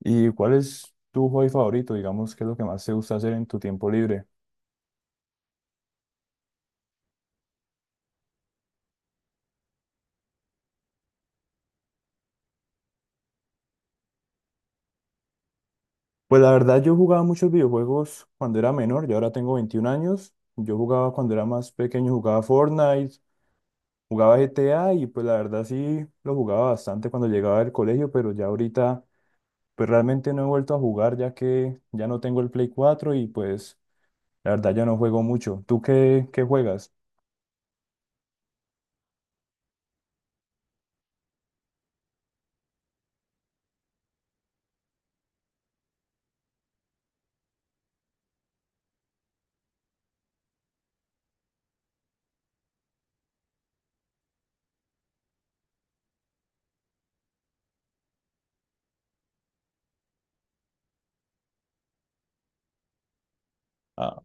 ¿Y cuál es tu hobby favorito? Digamos, ¿qué es lo que más te gusta hacer en tu tiempo libre? Pues la verdad, yo jugaba muchos videojuegos cuando era menor, yo ahora tengo 21 años. Yo jugaba cuando era más pequeño, jugaba Fortnite, jugaba GTA y pues la verdad sí lo jugaba bastante cuando llegaba del colegio, pero ya ahorita pues realmente no he vuelto a jugar ya que ya no tengo el Play 4 y pues la verdad ya no juego mucho. ¿Tú qué juegas? Ah,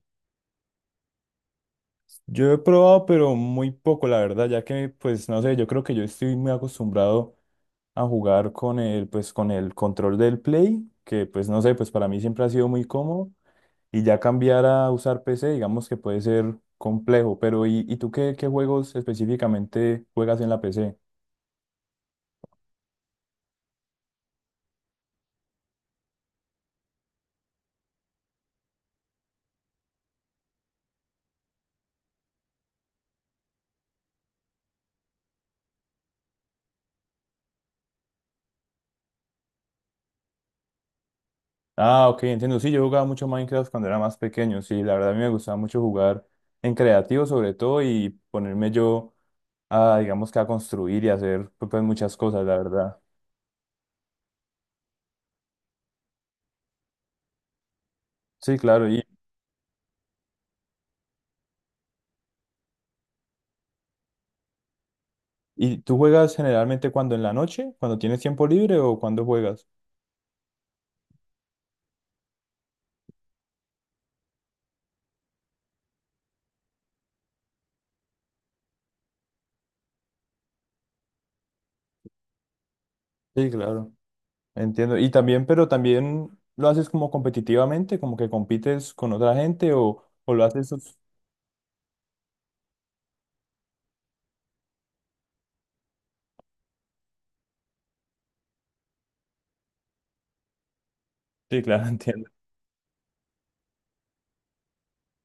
yo he probado, pero muy poco, la verdad, ya que, pues, no sé, yo creo que yo estoy muy acostumbrado a jugar pues, con el control del Play, que pues no sé, pues para mí siempre ha sido muy cómodo, y ya cambiar a usar PC, digamos que puede ser complejo, pero ¿y tú qué juegos específicamente juegas en la PC? Ah, ok, entiendo, sí, yo jugaba mucho Minecraft cuando era más pequeño, sí, la verdad a mí me gustaba mucho jugar en creativo sobre todo y ponerme yo a, digamos que a construir y hacer pues, muchas cosas, la verdad. Sí, claro. ¿Y tú juegas generalmente cuando en la noche, cuando tienes tiempo libre o cuando juegas? Sí, claro, entiendo. Y también, pero también lo haces como competitivamente, como que compites con otra gente o lo haces... Sí, claro, entiendo.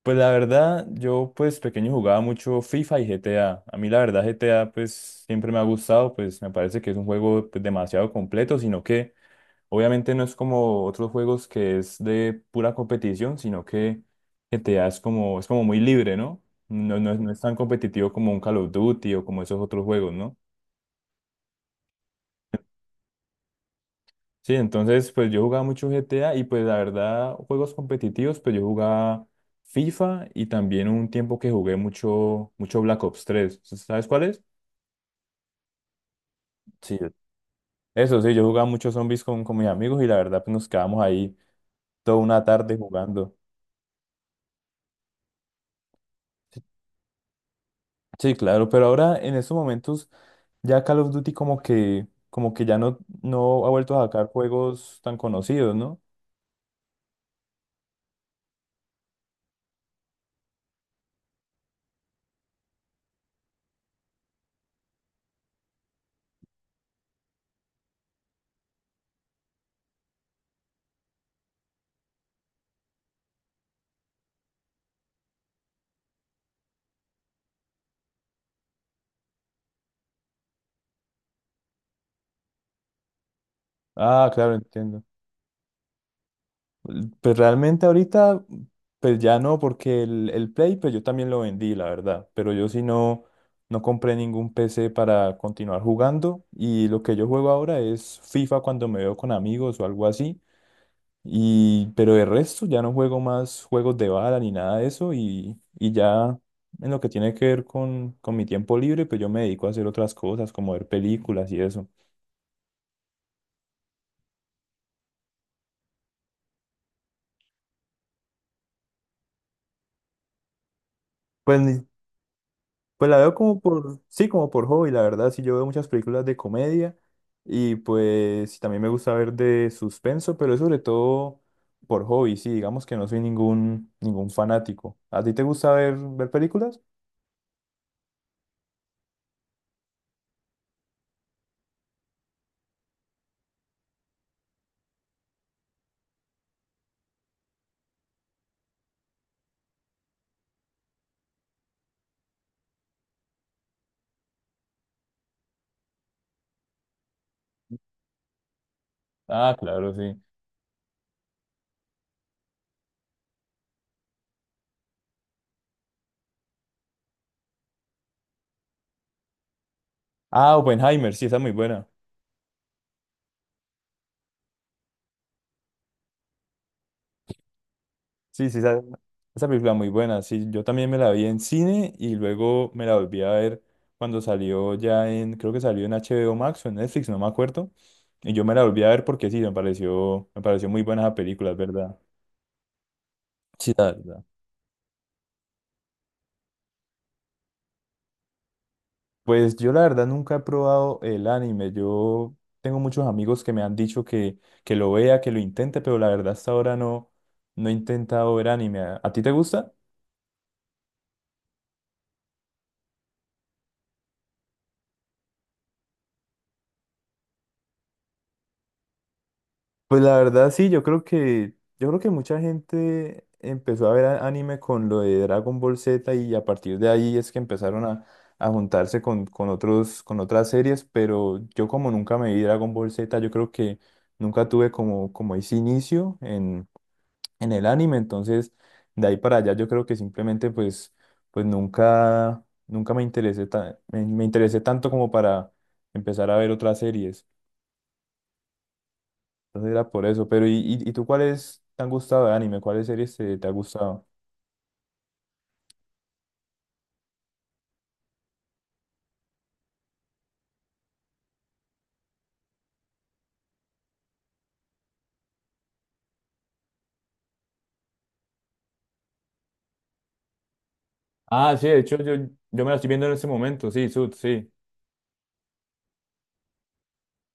Pues la verdad, yo pues pequeño jugaba mucho FIFA y GTA. A mí la verdad GTA pues siempre me ha gustado, pues me parece que es un juego pues, demasiado completo, sino que obviamente no es como otros juegos que es de pura competición, sino que GTA es como muy libre, ¿no? No, no es tan competitivo como un Call of Duty o como esos otros juegos, ¿no? Sí, entonces pues yo jugaba mucho GTA y pues la verdad juegos competitivos pues yo jugaba FIFA y también un tiempo que jugué mucho Black Ops 3. ¿Sabes cuál es? Sí, eso sí, yo jugaba muchos zombies con mis amigos y la verdad pues nos quedábamos ahí toda una tarde jugando. Sí, sí, claro, pero ahora en estos momentos ya Call of Duty como que ya no ha vuelto a sacar juegos tan conocidos, ¿no? Ah, claro, entiendo. Pues realmente ahorita, pues ya no, porque el Play, pues yo también lo vendí, la verdad. Pero yo sí no compré ningún PC para continuar jugando. Y lo que yo juego ahora es FIFA cuando me veo con amigos o algo así. Y, pero de resto ya no juego más juegos de bala ni nada de eso. Y ya en lo que tiene que ver con mi tiempo libre, pues yo me dedico a hacer otras cosas, como ver películas y eso. Pues ni, Pues la veo como por, sí, como por hobby, la verdad, sí, yo veo muchas películas de comedia y pues sí, también me gusta ver de suspenso, pero es sobre todo por hobby, sí, digamos que no soy ningún fanático. ¿A ti te gusta ver películas? Ah, claro, sí. Ah, Oppenheimer, sí, esa es muy buena. Sí, sí, esa película muy buena. Sí, yo también me la vi en cine y luego me la volví a ver cuando salió ya en, creo que salió en HBO Max o en Netflix, no me acuerdo. Y yo me la volví a ver porque sí, me pareció muy buena esa película, ¿es verdad? Sí, la verdad. Pues yo la verdad nunca he probado el anime. Yo tengo muchos amigos que me han dicho que, lo vea, que lo intente, pero la verdad hasta ahora no he intentado ver anime. ¿A ti te gusta? Pues la verdad sí, yo creo que mucha gente empezó a ver anime con lo de Dragon Ball Z y a partir de ahí es que empezaron a juntarse con otros con otras series, pero yo como nunca me vi Dragon Ball Z, yo creo que nunca tuve como ese inicio en el anime, entonces de ahí para allá yo creo que simplemente pues nunca me interesé tanto como para empezar a ver otras series. Entonces era por eso. Pero, ¿y tú cuáles te han gustado de anime? ¿Cuáles series te ha gustado? Ah, sí, de hecho yo me la estoy viendo en este momento, sí, Sud, sí.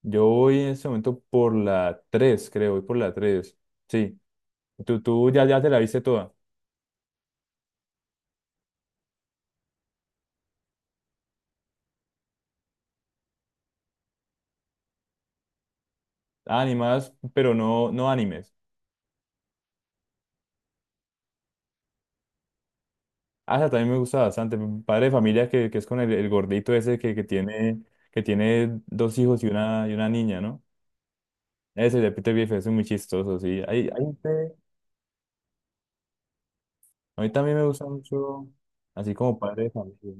Yo voy en este momento por la 3, creo, voy por la 3, sí. Tú ya te la viste toda. Animadas, pero no, no animes. Ah, esa también me gusta bastante. Padre de familia que es con el gordito ese que tiene dos hijos y una niña, ¿no? Ese de Peter Griffin es muy chistoso, sí. A mí también me gusta mucho, así como Padre de Familia.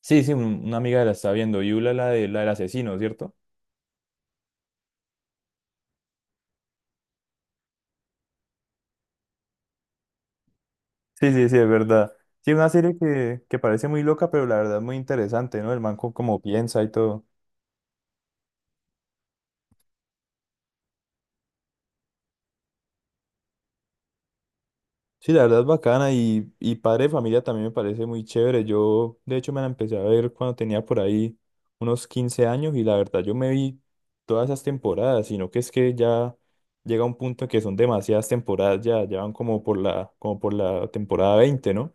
Sí, sí, una amiga la está viendo, Yula, la del asesino, ¿cierto? Sí, sí, sí, es verdad. Sí, una serie que parece muy loca, pero la verdad es muy interesante, ¿no? El man como piensa y todo. Sí, la verdad es bacana y Padre de Familia también me parece muy chévere. Yo, de hecho, me la empecé a ver cuando tenía por ahí unos 15 años y la verdad yo me vi todas esas temporadas, sino que es que ya llega un punto en que son demasiadas temporadas, ya van como por la, temporada 20, ¿no?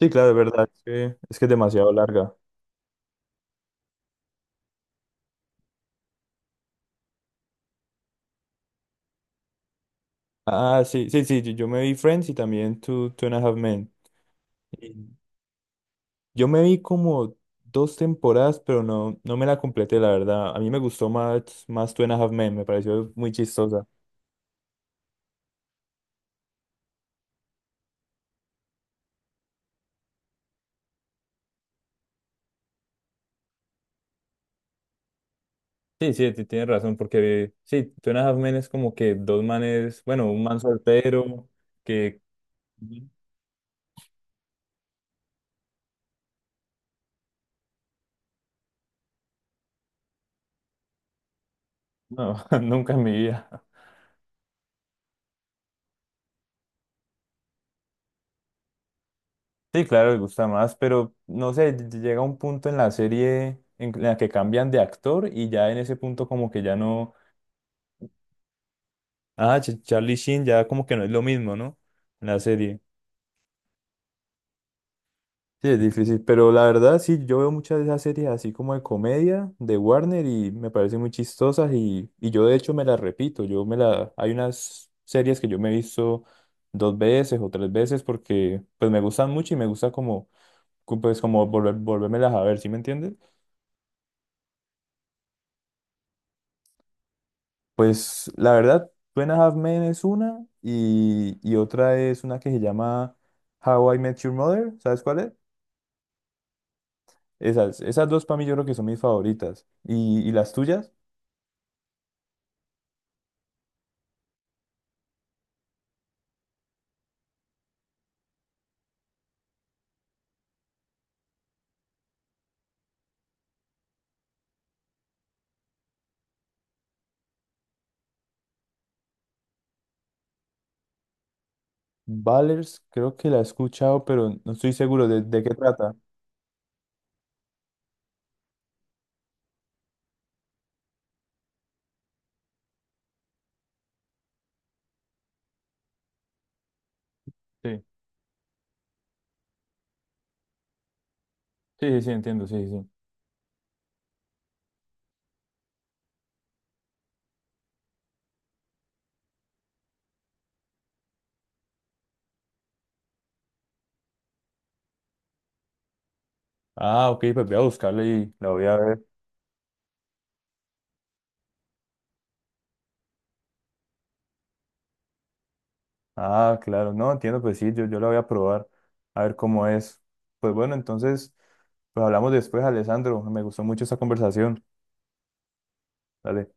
Sí, claro, es verdad, es que es, que es demasiado larga. Ah, sí, sí, sí, yo me vi Friends y también Two and a Half Men. Yo me vi como dos temporadas, pero no me la completé, la verdad. A mí me gustó más Two and a Half Men, me pareció muy chistosa. Sí, sí, tienes razón, porque sí, Two and a Half Men es como que dos manes, bueno, un man soltero que. Ujú. No, nunca en mi vida. Sí, claro, me gusta más, pero no sé, llega un punto en la serie en la que cambian de actor y ya en ese punto como que ya no, ah, Charlie Sheen ya como que no es lo mismo, ¿no? En la serie. Sí, es difícil, pero la verdad sí, yo veo muchas de esas series así como de comedia de Warner y me parecen muy chistosas y yo de hecho me las repito, hay unas series que yo me he visto dos veces o tres veces porque pues me gustan mucho y me gusta como, pues como volvérmelas a ver, ¿sí me entiendes? Pues la verdad, Two and a Half Men es una y otra es una que se llama How I Met Your Mother, ¿sabes cuál es? Esas dos para mí yo creo que son mis favoritas. ¿Y las tuyas? Ballers, creo que la he escuchado, pero no estoy seguro de qué trata. Sí, sí, sí, sí, entiendo, sí, sí, sí. Ah, ok, pues voy a buscarla y la voy a ver. Ah, claro, no, entiendo, pues sí, yo la voy a probar, a ver cómo es. Pues bueno, entonces, pues hablamos después, Alessandro, me gustó mucho esta conversación. Dale.